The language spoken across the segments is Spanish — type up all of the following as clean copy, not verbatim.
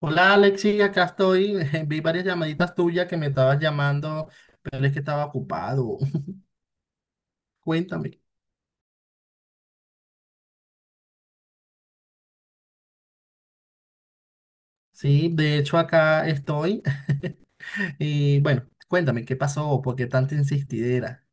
Hola Alexi, acá estoy. Vi varias llamaditas tuyas que me estabas llamando, pero es que estaba ocupado. Cuéntame. Sí, de hecho acá estoy. Y bueno, cuéntame, ¿qué pasó? ¿Por qué tanta insistidera?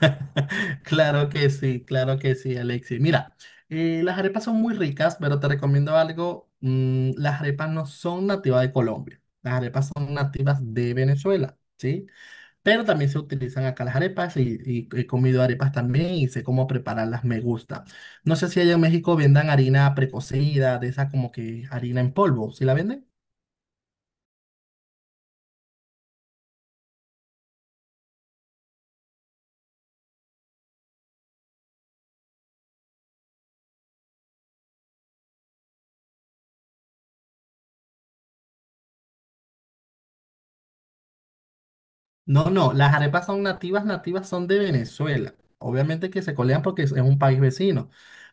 Claro que sí, Alexi. Mira, las arepas son muy ricas, pero te recomiendo algo. Las arepas no son nativas de Colombia. Las arepas son nativas de Venezuela, ¿sí? Pero también se utilizan acá las arepas y he comido arepas también y sé cómo prepararlas, me gusta. No sé si allá en México vendan harina precocida, de esa como que harina en polvo, ¿sí la venden? No, no, las arepas son nativas, nativas son de Venezuela. Obviamente que se colean porque es un país vecino.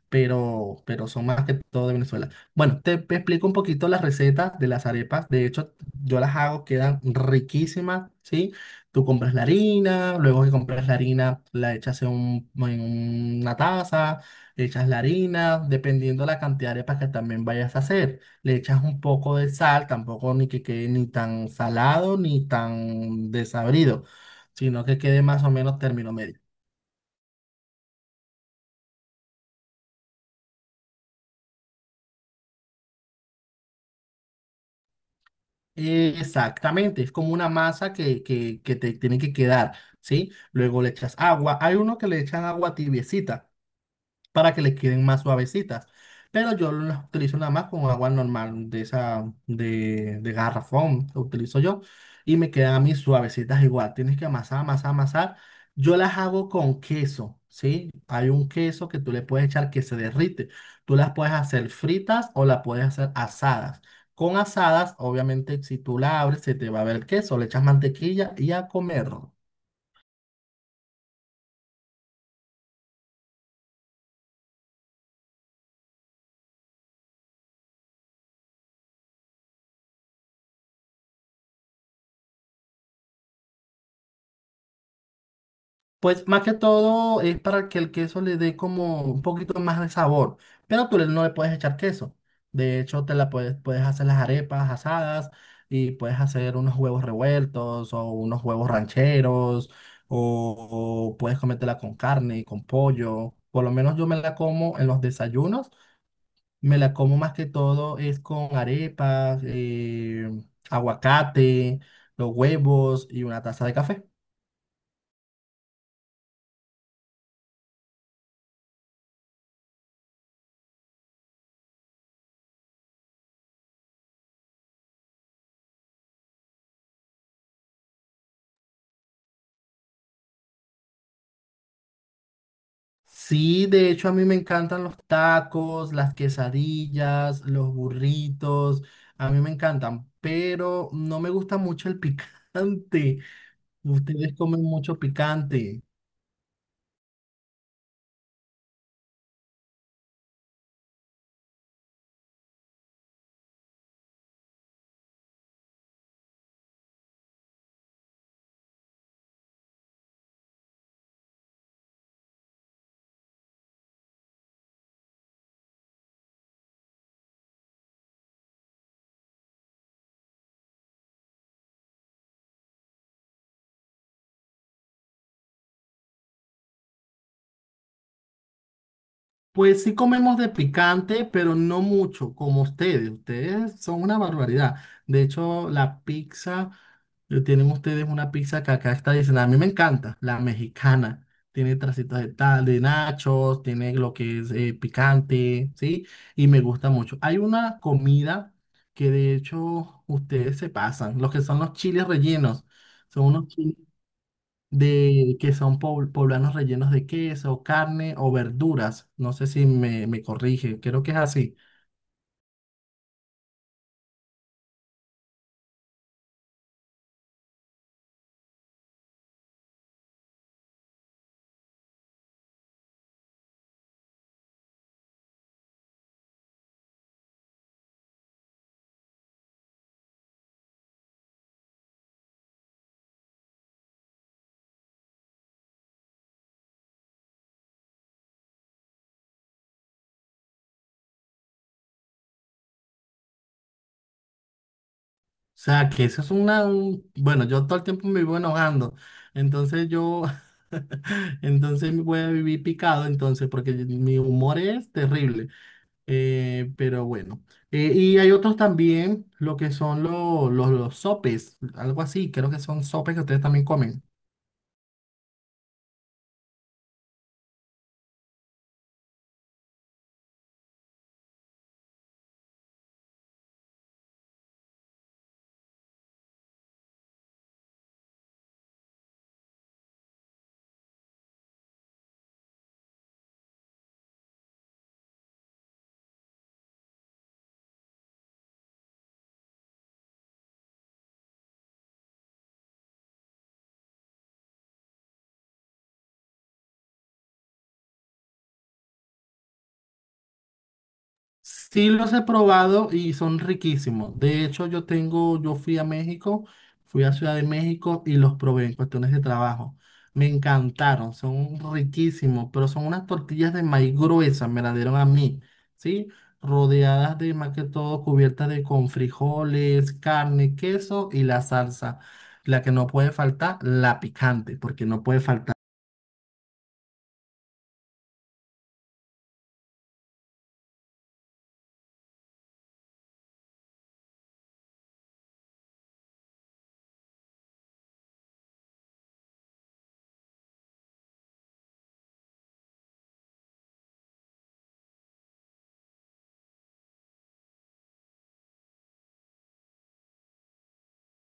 Pero son más que todo de Venezuela. Bueno, te explico un poquito las recetas de las arepas. De hecho, yo las hago, quedan riquísimas, ¿sí? Tú compras la harina, luego que compras la harina, la echas en, en una taza, echas la harina, dependiendo la cantidad de arepas que también vayas a hacer. Le echas un poco de sal, tampoco ni que quede ni tan salado ni tan desabrido, sino que quede más o menos término medio. Exactamente, es como una masa que te tiene que quedar, ¿sí? Luego le echas agua. Hay uno que le echan agua tibiecita para que les queden más suavecitas. Pero yo las utilizo nada más con agua normal de esa, de garrafón, que utilizo yo, y me quedan a mí suavecitas igual. Tienes que amasar, amasar, amasar. Yo las hago con queso, ¿sí? Hay un queso que tú le puedes echar que se derrite. Tú las puedes hacer fritas o las puedes hacer asadas. Con asadas, obviamente, si tú la abres, se te va a ver el queso, le echas mantequilla y a comer. Pues más que todo es para que el queso le dé como un poquito más de sabor, pero no le puedes echar queso. De hecho, puedes hacer las arepas asadas y puedes hacer unos huevos revueltos o unos huevos rancheros o puedes comértela con carne, y con pollo. Por lo menos yo me la como en los desayunos, me la como más que todo es con arepas, aguacate, los huevos y una taza de café. Sí, de hecho a mí me encantan los tacos, las quesadillas, los burritos, a mí me encantan, pero no me gusta mucho el picante. Ustedes comen mucho picante. Pues sí comemos de picante, pero no mucho, como ustedes. Ustedes son una barbaridad. De hecho, la pizza, tienen ustedes una pizza que acá está diciendo, a mí me encanta, la mexicana. Tiene tracitas de, de nachos, tiene lo que es picante, ¿sí? Y me gusta mucho. Hay una comida que de hecho ustedes se pasan, los que son los chiles rellenos. Son unos chiles de que son poblanos rellenos de queso, carne o verduras. No sé si me corrige, creo que es así. O sea, que eso es una... Bueno, yo todo el tiempo me vivo enojando. Entonces yo... Entonces me voy a vivir picado, entonces, porque mi humor es terrible. Pero bueno. Y hay otros también, lo que son los sopes, algo así, creo que son sopes que ustedes también comen. Sí los he probado y son riquísimos. De hecho, yo fui a México, fui a Ciudad de México y los probé en cuestiones de trabajo. Me encantaron, son riquísimos, pero son unas tortillas de maíz gruesas, me las dieron a mí, ¿sí? Rodeadas de más que todo cubiertas de con frijoles, carne, queso y la salsa. La que no puede faltar, la picante, porque no puede faltar.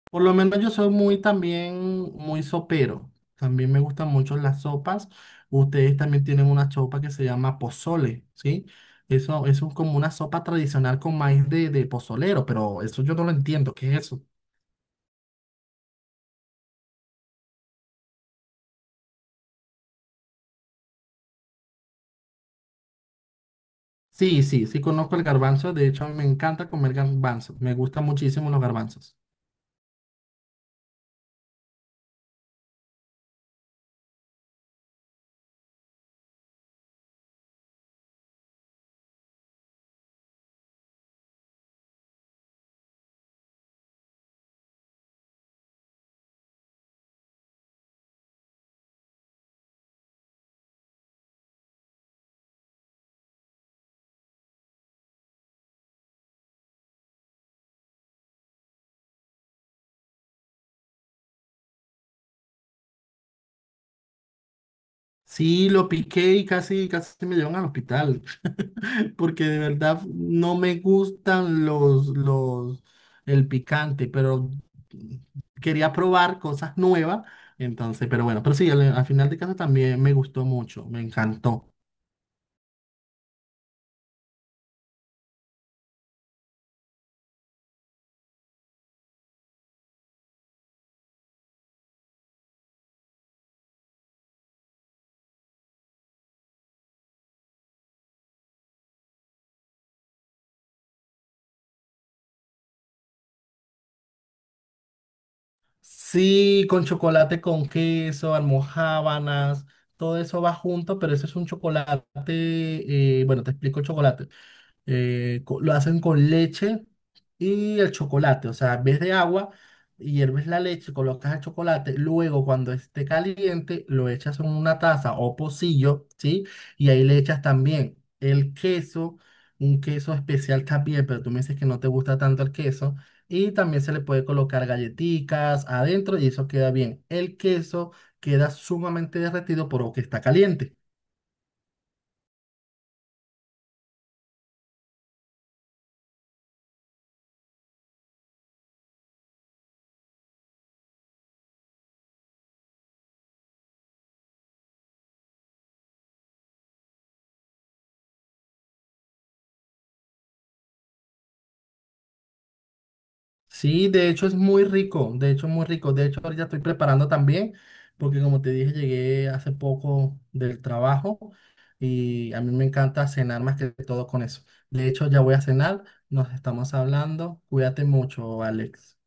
Por lo menos yo soy muy también, muy sopero. También me gustan mucho las sopas. Ustedes también tienen una sopa que se llama pozole, ¿sí? Eso es como una sopa tradicional con maíz de pozolero, pero eso yo no lo entiendo. ¿Qué es eso? Sí, sí, sí conozco el garbanzo. De hecho, a mí me encanta comer garbanzos. Me gustan muchísimo los garbanzos. Sí, lo piqué y casi, casi me llevan al hospital, porque de verdad no me gustan el picante, pero quería probar cosas nuevas, entonces, pero bueno, pero sí, al final de caso también me gustó mucho, me encantó. Sí, con chocolate con queso, almojábanas, todo eso va junto, pero ese es un chocolate, bueno, te explico el chocolate. Lo hacen con leche y el chocolate. O sea, en vez de agua, hierves la leche, colocas el chocolate. Luego, cuando esté caliente, lo echas en una taza o pocillo, ¿sí? Y ahí le echas también el queso, un queso especial también, pero tú me dices que no te gusta tanto el queso. Y también se le puede colocar galletitas adentro y eso queda bien. El queso queda sumamente derretido por lo que está caliente. Sí, de hecho es muy rico, de hecho es muy rico. De hecho, ahorita estoy preparando también, porque como te dije, llegué hace poco del trabajo y a mí me encanta cenar más que todo con eso. De hecho, ya voy a cenar, nos estamos hablando. Cuídate mucho, Alex.